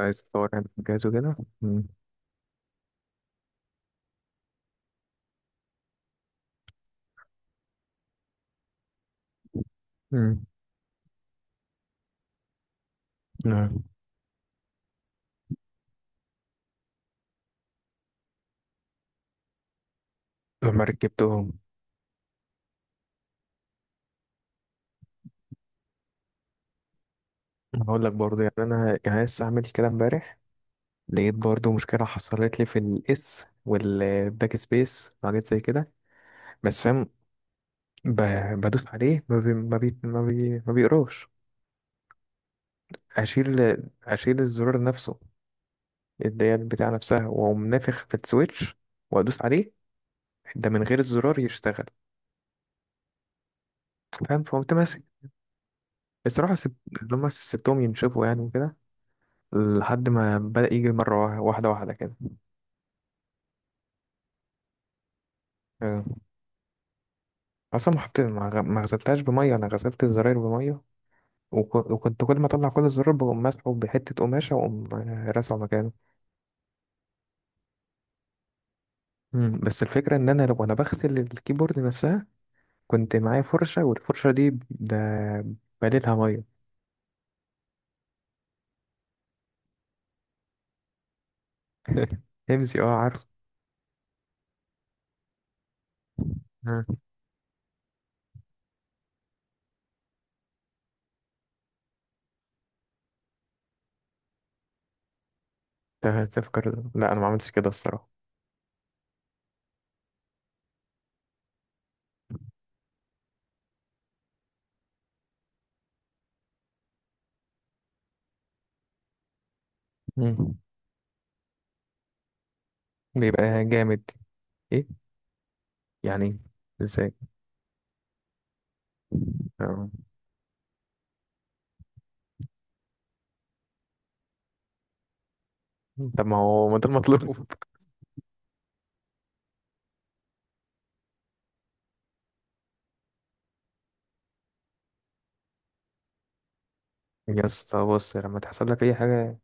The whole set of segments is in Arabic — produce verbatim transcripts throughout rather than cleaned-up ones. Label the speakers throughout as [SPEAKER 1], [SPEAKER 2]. [SPEAKER 1] عايز تطور يعني جهاز وكده. مم. مم. نعم. لما ركبتهم، هقول لك برضه يعني انا يعني لسه عامل كده امبارح. لقيت برضه مشكله حصلت لي في الاس والباك سبيس وحاجات زي كده. بس فاهم، ب- بدوس عليه ما بي ما بي ما, بي ما بيقراش. اشيل اشيل الزرار نفسه اللي هي بتاع نفسها، واقوم نافخ في السويتش وادوس عليه، ده من غير الزرار يشتغل. فاهم، فقمت ماسك. الصراحه سبت، لما سبتهم ينشفوا يعني وكده، لحد ما بدأ يجي مرة وا- واحدة واحدة كده. آه. أصلا ما حطيت، ما غ- ما غسلتهاش بمية، أنا غسلت الزراير بمية. وك- وكنت كل ما أطلع كل الزرار بقوم مسحه بحتة قماشة وأقوم، آه، راسعه مكانه. مم. بس الفكرة إن أنا لو أنا بغسل الكيبورد نفسها، كنت معايا فرشة، والفرشة دي ب- ب- بليلها مية. همزي، اه عارف. مم. ت- تفكر لا، أنا ما عملتش كده الصراحة. مم. بيبقى جامد. إيه يعني؟ إزاي؟ آه. طب ما هو ما ده المطلوب. يا اسطى بص، لما تحصل لك اي حاجه،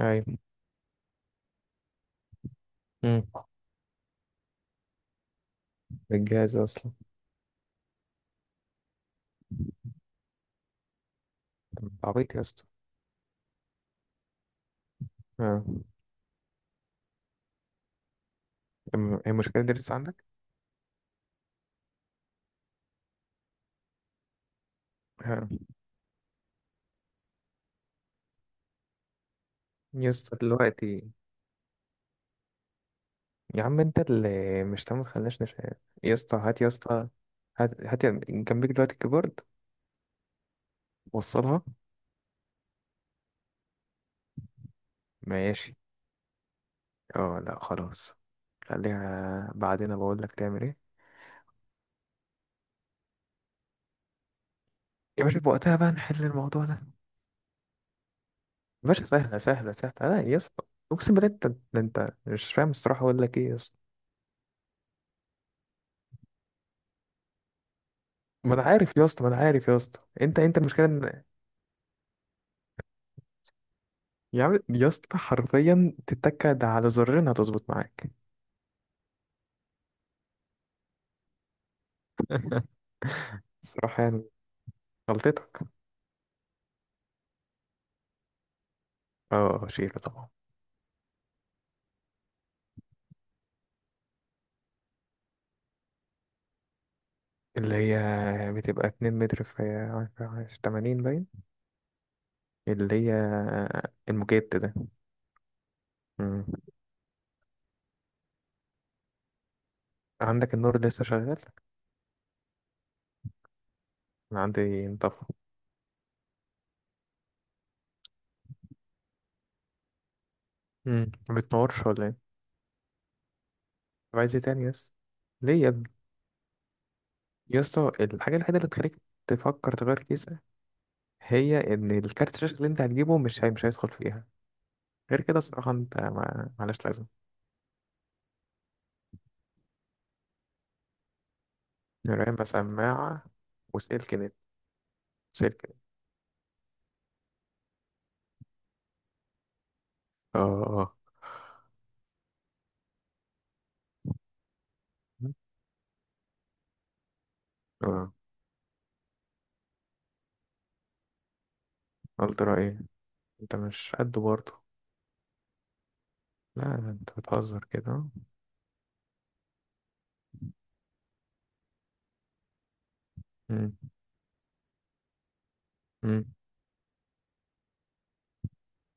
[SPEAKER 1] ايوه. امم الجهاز اصلا. طب انت عبيط يا اسطى. اه. أم- هي المشكله دي لسه عندك؟ اه يا اسطى دلوقتي، يا عم انت اللي مش تمام تخليناش نش... يا اسطى هات يا اسطى. هات هات يا- جنبك دلوقتي الكيبورد، وصلها. ماشي. اه لا، خلاص. خليها بعدين بقول لك تعمل ايه. يا باشا، بوقتها بقى نحل الموضوع ده يا باشا. سهله سهله سهله. لا يا اسطى، اقسم بالله انت، ده انت مش فاهم الصراحه. اقول لك ايه يا اسطى، ما انا عارف يا اسطى، ما انا عارف يا اسطى. انت انت المشكله ان. يا عم يا اسطى، حرفيا تتكد على زرين هتظبط معاك. الصراحه يعني غلطتك. اه، شيله طبعا. اللي هي بتبقى اتنين متر في في تمانين باين، اللي هي المجيت ده. مم. عندك النور لسه شغال؟ انا عندي انطفى. مم. ما بتنورش ولا ايه؟ طب عايز ايه تاني يس؟ ليه يا ابني؟ يا اسطى الحاجه الوحيده اللي تخليك تفكر تغير كيسه هي ان الكارت الشاشه اللي انت هتجيبه، مش هي مش هيدخل فيها. غير كده الصراحة انت ما، معلش لازم. رام بسماعة وسلك نت. سلك نت. اه، اه، اه. قلت رأي ايه؟ انت مش قد برضه. لا لا، انت بتهزر كده. مم. مم.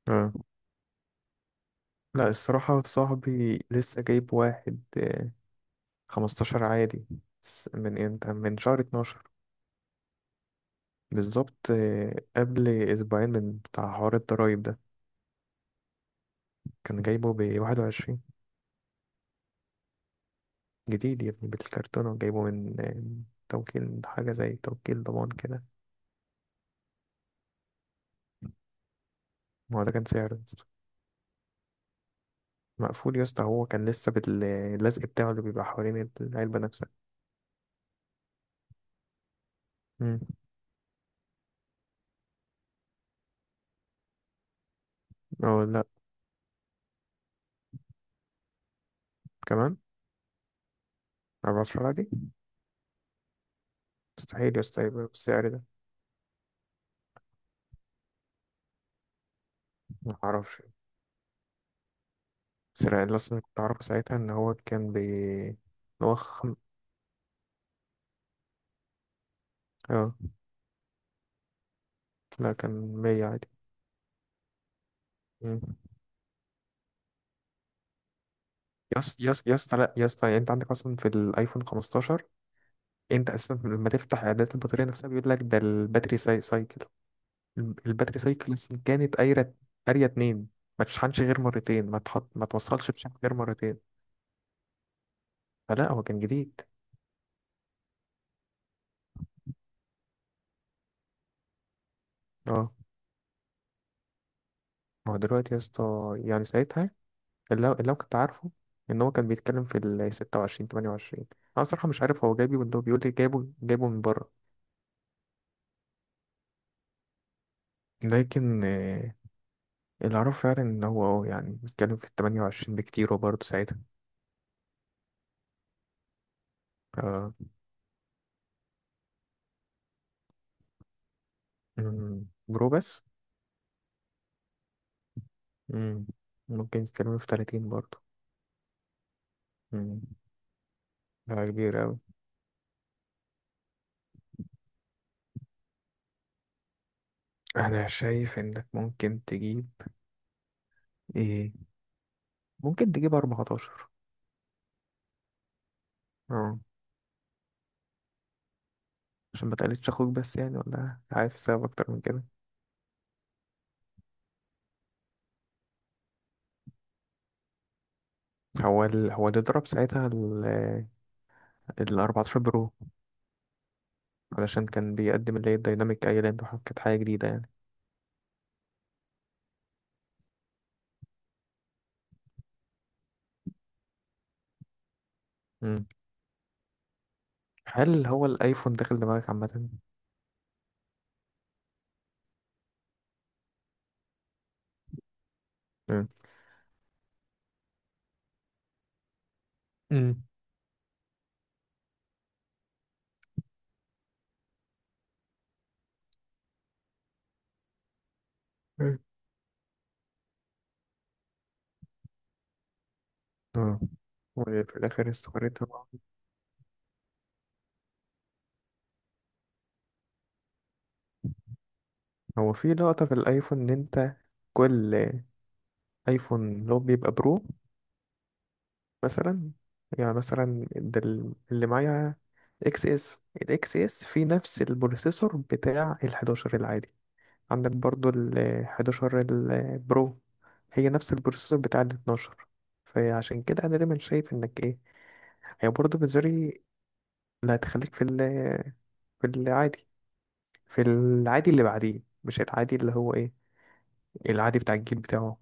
[SPEAKER 1] اه لا، الصراحة صاحبي لسه جايب واحد، آه، خمستاشر عادي. س- من امتى، من شهر اتناشر بالظبط، آه، قبل اسبوعين من بتاع حوار الضرايب ده. كان جايبه ب واحد وعشرين. جديد يا ابني، بالكرتونة، وجايبه من من توكيل، حاجة زي توكيل ضمان كده. ما هو ده كان سعره يا اسطى. مقفول يا اسطى، هو كان لسه باللزق بتاعه اللي بيبقى حوالين العلبة نفسها. مم. اه لا، كمان اربعتاشر عادي. مستحيل يا اسطى يبقى بالسعر ده. ما اعرفش، بس لا، اللي اصلا كنت اعرفه ساعتها ان هو كان بي إن هو خم... اه لا، كان ميه عادي. مم. يا اسطى يا اسطى يا اسطى، لا يا اسطى، يعني انت عندك اصلا في الايفون خمستاشر. انت اساسا لما تفتح اعدادات البطاريه نفسها بيقول لك ده الباتري ساي سايكل. الباتري سايكل أصلاً كانت قايره قاريه اتنين. ما تشحنش غير مرتين، ما تحط ما توصلش بشحن غير مرتين. فلا، هو كان جديد. اه. ما هو دلوقتي يا اسطى يعني، ساعتها اللي هو- اللي هو كنت عارفه ان هو كان بيتكلم في ال ستة وعشرين تمنية وعشرين. انا صراحه مش عارف هو جايبه، ولا هو بيقول لي جايبه، جايبه من بره. لكن، آه، اللي اعرفه فعلا ان هو اه يعني بيتكلم في ال ثمانية وعشرين بكتير وبرضه ساعتها. آه، مم، برو بس. مم. ممكن يتكلموا في تلاتين برضه. مم. ده كبير أوي. أنا شايف إنك ممكن تجيب، إيه، ممكن تجيب اربعتاشر. اه، عشان ما تقلدش أخوك بس يعني، ولا عارف السبب أكتر من كده. هو ال... هو اللي ضرب ساعتها ال ال اربعة عشر برو، علشان كان بيقدم اللي هي الديناميك ايلاند، وكانت حاجة جديدة يعني. مم. هل هو الأيفون داخل دماغك عامة؟ مم. امم مم. اه، وفي الآخر استقريت طبعا. هو في لقطة في الأيفون، إن أنت كل ايفون اللي هو بيبقى برو مثلا، يعني مثلا ده ال- اللي معايا اكس اس الاكس اس فيه نفس البروسيسور بتاع الحداشر العادي. عندك برضو الحداشر البرو، هي نفس البروسيسور بتاع الاتناشر. فعشان كده انا دايما شايف انك ايه، هي برضو بتزري. اللي هتخليك في ال في العادي في العادي اللي بعديه، مش العادي اللي هو ايه، العادي بتاع الجيل بتاعه.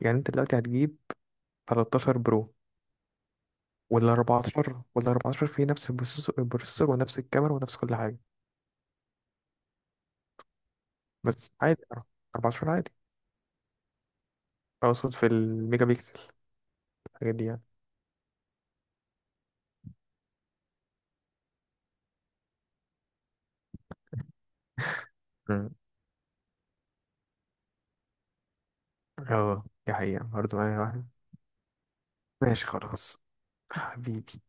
[SPEAKER 1] يعني انت دلوقتي هتجيب ثلاثة عشر برو، وال اربعتاشر وال اربعة عشر فيه نفس البروسيسور البروسيسور ونفس الكاميرا ونفس كل حاجة. بس عادي، اربعتاشر عادي. أقصد في الميجا بيكسل، الحاجات دي يعني. مم. اه دي حقيقة برضه معايا واحد. ماشي خلاص، حبيبي.